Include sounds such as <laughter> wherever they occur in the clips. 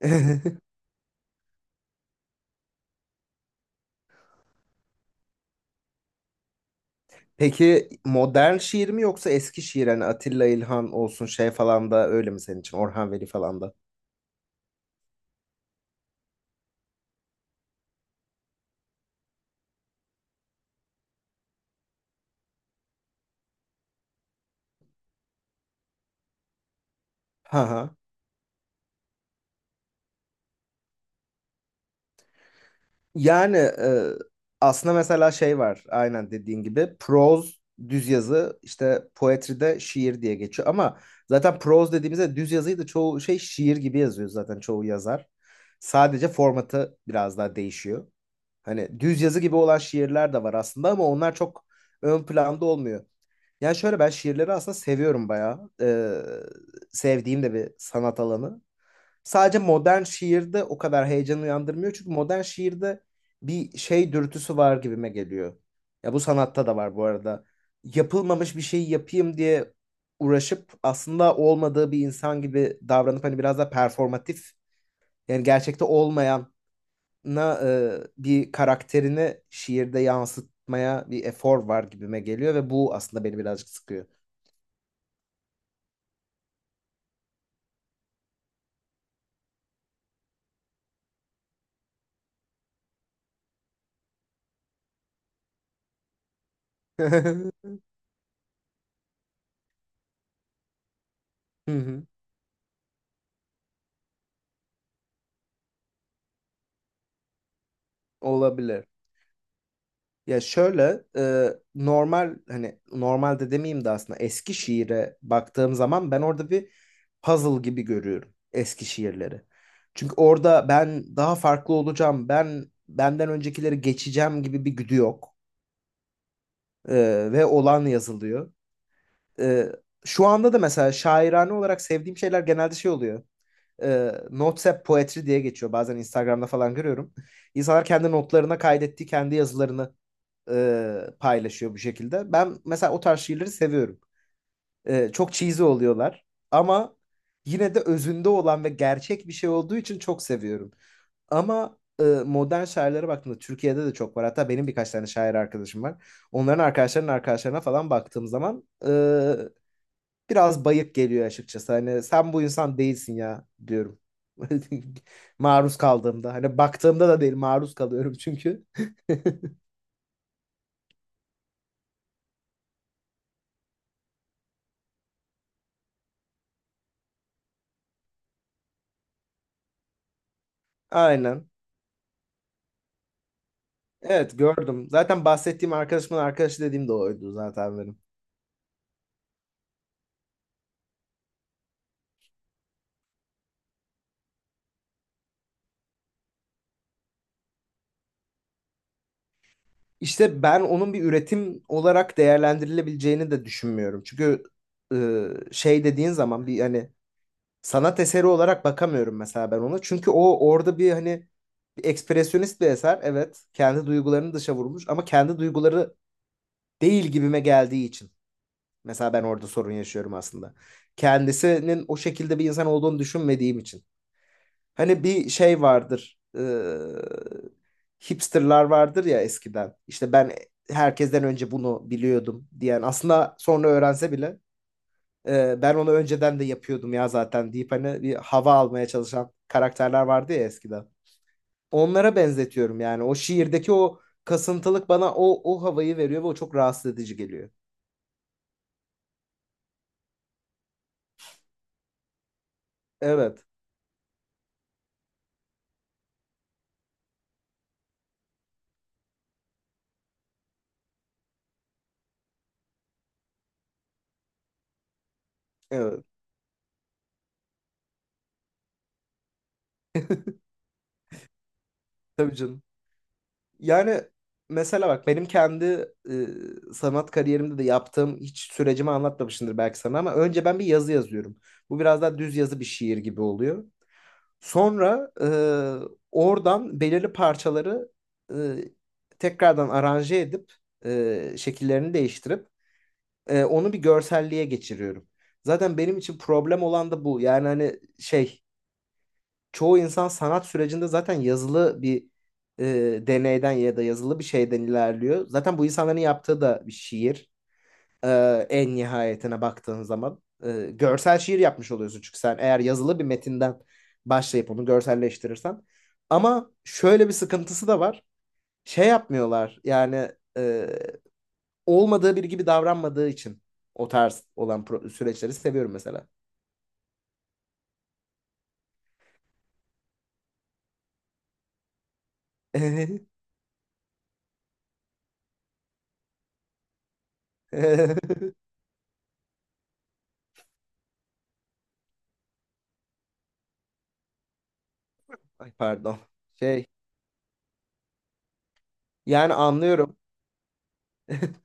<laughs> Peki modern şiir mi yoksa eski şiir hani Atilla İlhan olsun şey falan da öyle mi senin için Orhan Veli falan da? Ha ha. Yani e, aslında mesela şey var aynen dediğin gibi proz düz yazı işte poetride şiir diye geçiyor ama zaten proz dediğimizde düz yazıyı da çoğu şey şiir gibi yazıyor zaten çoğu yazar. Sadece formatı biraz daha değişiyor. Hani düz yazı gibi olan şiirler de var aslında ama onlar çok ön planda olmuyor. Yani şöyle ben şiirleri aslında seviyorum bayağı. Sevdiğim de bir sanat alanı. Sadece modern şiirde o kadar heyecan uyandırmıyor. Çünkü modern şiirde bir şey dürtüsü var gibime geliyor. Ya bu sanatta da var bu arada. Yapılmamış bir şeyi yapayım diye uğraşıp aslında olmadığı bir insan gibi davranıp hani biraz da performatif yani gerçekte olmayana bir karakterini şiirde yansıtmaya bir efor var gibime geliyor ve bu aslında beni birazcık sıkıyor. <laughs> Hı hı, olabilir. Ya şöyle, normal hani normalde demeyeyim de aslında eski şiire baktığım zaman ben orada bir puzzle gibi görüyorum eski şiirleri. Çünkü orada ben daha farklı olacağım, ben benden öncekileri geçeceğim gibi bir güdü yok. E, ve olan yazılıyor. E, şu anda da mesela şairane olarak sevdiğim şeyler genelde şey oluyor. E, Notes app Poetry diye geçiyor. Bazen Instagram'da falan görüyorum. İnsanlar kendi notlarına kaydettiği kendi yazılarını paylaşıyor bu şekilde. Ben mesela o tarz şiirleri seviyorum. Çok cheesy oluyorlar ama yine de özünde olan ve gerçek bir şey olduğu için çok seviyorum. Ama modern şairlere baktığımda Türkiye'de de çok var. Hatta benim birkaç tane şair arkadaşım var. Onların arkadaşlarının arkadaşlarına falan baktığım zaman biraz bayık geliyor açıkçası. Hani sen bu insan değilsin ya diyorum. <laughs> Maruz kaldığımda. Hani baktığımda da değil maruz kalıyorum çünkü. <laughs> Aynen. Evet gördüm. Zaten bahsettiğim arkadaşımın arkadaşı dediğim de oydu zaten benim. İşte ben onun bir üretim olarak değerlendirilebileceğini de düşünmüyorum. Çünkü şey dediğin zaman bir hani sanat eseri olarak bakamıyorum mesela ben ona. Çünkü o orada bir hani bir ekspresyonist bir eser. Evet kendi duygularını dışa vurmuş ama kendi duyguları değil gibime geldiği için. Mesela ben orada sorun yaşıyorum aslında. Kendisinin o şekilde bir insan olduğunu düşünmediğim için. Hani bir şey vardır. Hipsterlar vardır ya eskiden. İşte ben herkesten önce bunu biliyordum diyen. Aslında sonra öğrense bile ben onu önceden de yapıyordum ya zaten deyip hani bir hava almaya çalışan karakterler vardı ya eskiden. Onlara benzetiyorum yani. O şiirdeki o kasıntılık bana o havayı veriyor ve o çok rahatsız edici geliyor. Evet. Evet. Tabii canım. Yani mesela bak benim kendi sanat kariyerimde de yaptığım hiç sürecimi anlatmamışımdır belki sana ama önce ben bir yazı yazıyorum. Bu biraz daha düz yazı bir şiir gibi oluyor. Sonra oradan belirli parçaları e, tekrardan aranje edip şekillerini değiştirip onu bir görselliğe geçiriyorum. Zaten benim için problem olan da bu. Yani hani şey çoğu insan sanat sürecinde zaten yazılı bir deneyden ya da yazılı bir şeyden ilerliyor. Zaten bu insanların yaptığı da bir şiir. E, en nihayetine baktığın zaman görsel şiir yapmış oluyorsun çünkü sen eğer yazılı bir metinden başlayıp onu görselleştirirsen. Ama şöyle bir sıkıntısı da var. Şey yapmıyorlar yani e, olmadığı biri gibi davranmadığı için o tarz olan süreçleri seviyorum mesela. <laughs> Ay pardon. Şey yani anlıyorum. <laughs>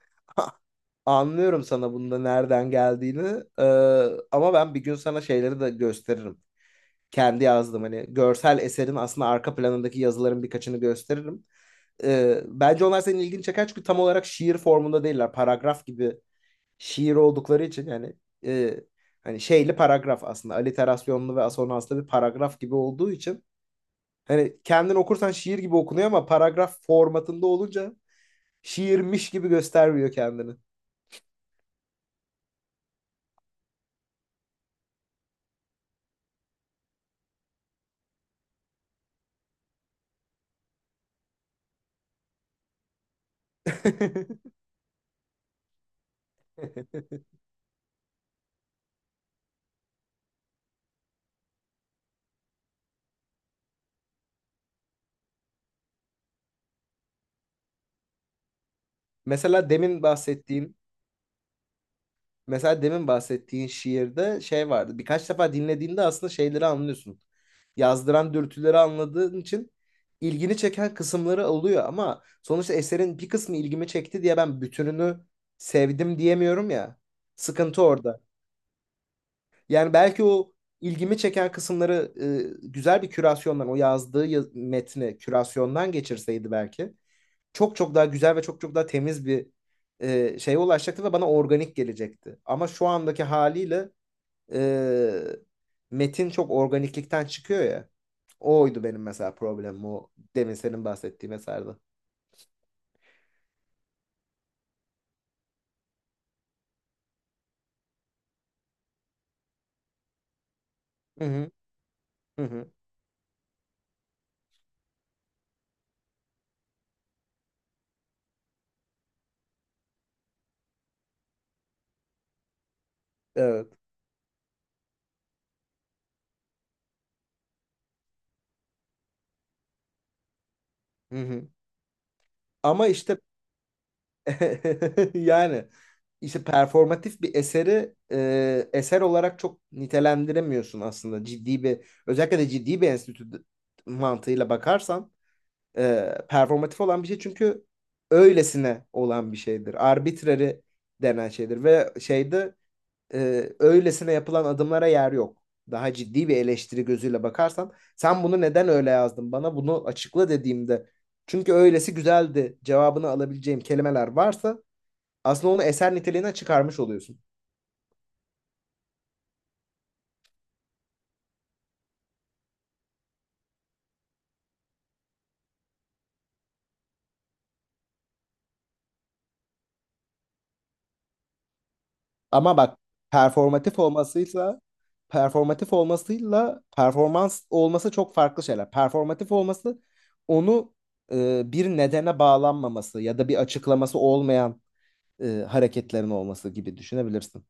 Anlıyorum sana bunda nereden geldiğini. Ama ben bir gün sana şeyleri de gösteririm. Kendi yazdım hani görsel eserin aslında arka planındaki yazıların birkaçını gösteririm. Bence onlar senin ilgini çeker çünkü tam olarak şiir formunda değiller. Paragraf gibi şiir oldukları için yani e, hani şeyli paragraf aslında aliterasyonlu ve asonanslı bir paragraf gibi olduğu için hani kendin okursan şiir gibi okunuyor ama paragraf formatında olunca şiirmiş gibi göstermiyor kendini. <laughs> Mesela demin bahsettiğin mesela demin bahsettiğin şiirde şey vardı. Birkaç defa dinlediğinde aslında şeyleri anlıyorsun. Yazdıran dürtüleri anladığın için ilgini çeken kısımları oluyor ama sonuçta eserin bir kısmı ilgimi çekti diye ben bütününü sevdim diyemiyorum ya. Sıkıntı orada. Yani belki o ilgimi çeken kısımları güzel bir kürasyondan, o yazdığı metni kürasyondan geçirseydi belki. Çok çok daha güzel ve çok çok daha temiz bir şeye ulaşacaktı ve bana organik gelecekti. Ama şu andaki haliyle e, metin çok organiklikten çıkıyor ya. Oydu benim mesela problemim o demin senin bahsettiğin eserde. Hı hı, hı hı, evet. Hı hı. Ama işte <laughs> yani işte performatif bir eseri eser olarak çok nitelendiremiyorsun aslında ciddi bir özellikle de ciddi bir enstitü mantığıyla bakarsan performatif olan bir şey çünkü öylesine olan bir şeydir. Arbitrary denen şeydir ve şeyde öylesine yapılan adımlara yer yok. Daha ciddi bir eleştiri gözüyle bakarsan sen bunu neden öyle yazdın bana bunu açıkla dediğimde çünkü öylesi güzeldi cevabını alabileceğim kelimeler varsa aslında onu eser niteliğine çıkarmış oluyorsun. Ama bak performatif olmasıyla performatif olmasıyla performans olması çok farklı şeyler. Performatif olması onu bir nedene bağlanmaması ya da bir açıklaması olmayan hareketlerin olması gibi düşünebilirsin.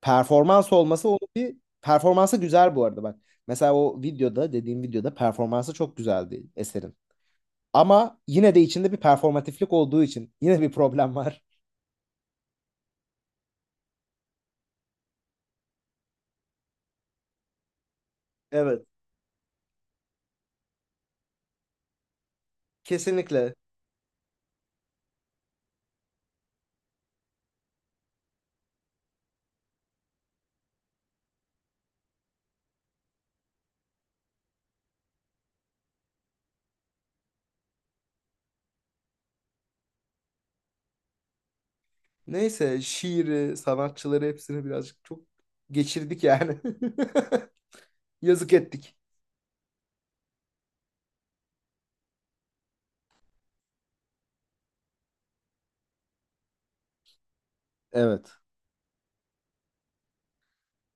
Performans olması onu bir performansı güzel bu arada bak. Mesela o videoda dediğim videoda performansı çok güzeldi eserin. Ama yine de içinde bir performatiflik olduğu için yine bir problem var. Evet. Kesinlikle. Neyse şiiri, sanatçıları hepsini birazcık çok geçirdik yani. <laughs> Yazık ettik. Evet.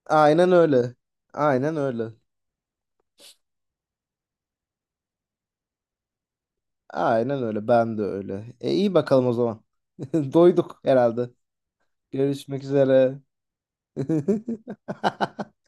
Aynen öyle. Aynen öyle. Aynen öyle. Ben de öyle. E iyi bakalım o zaman. <laughs> Doyduk herhalde. Görüşmek üzere. <laughs>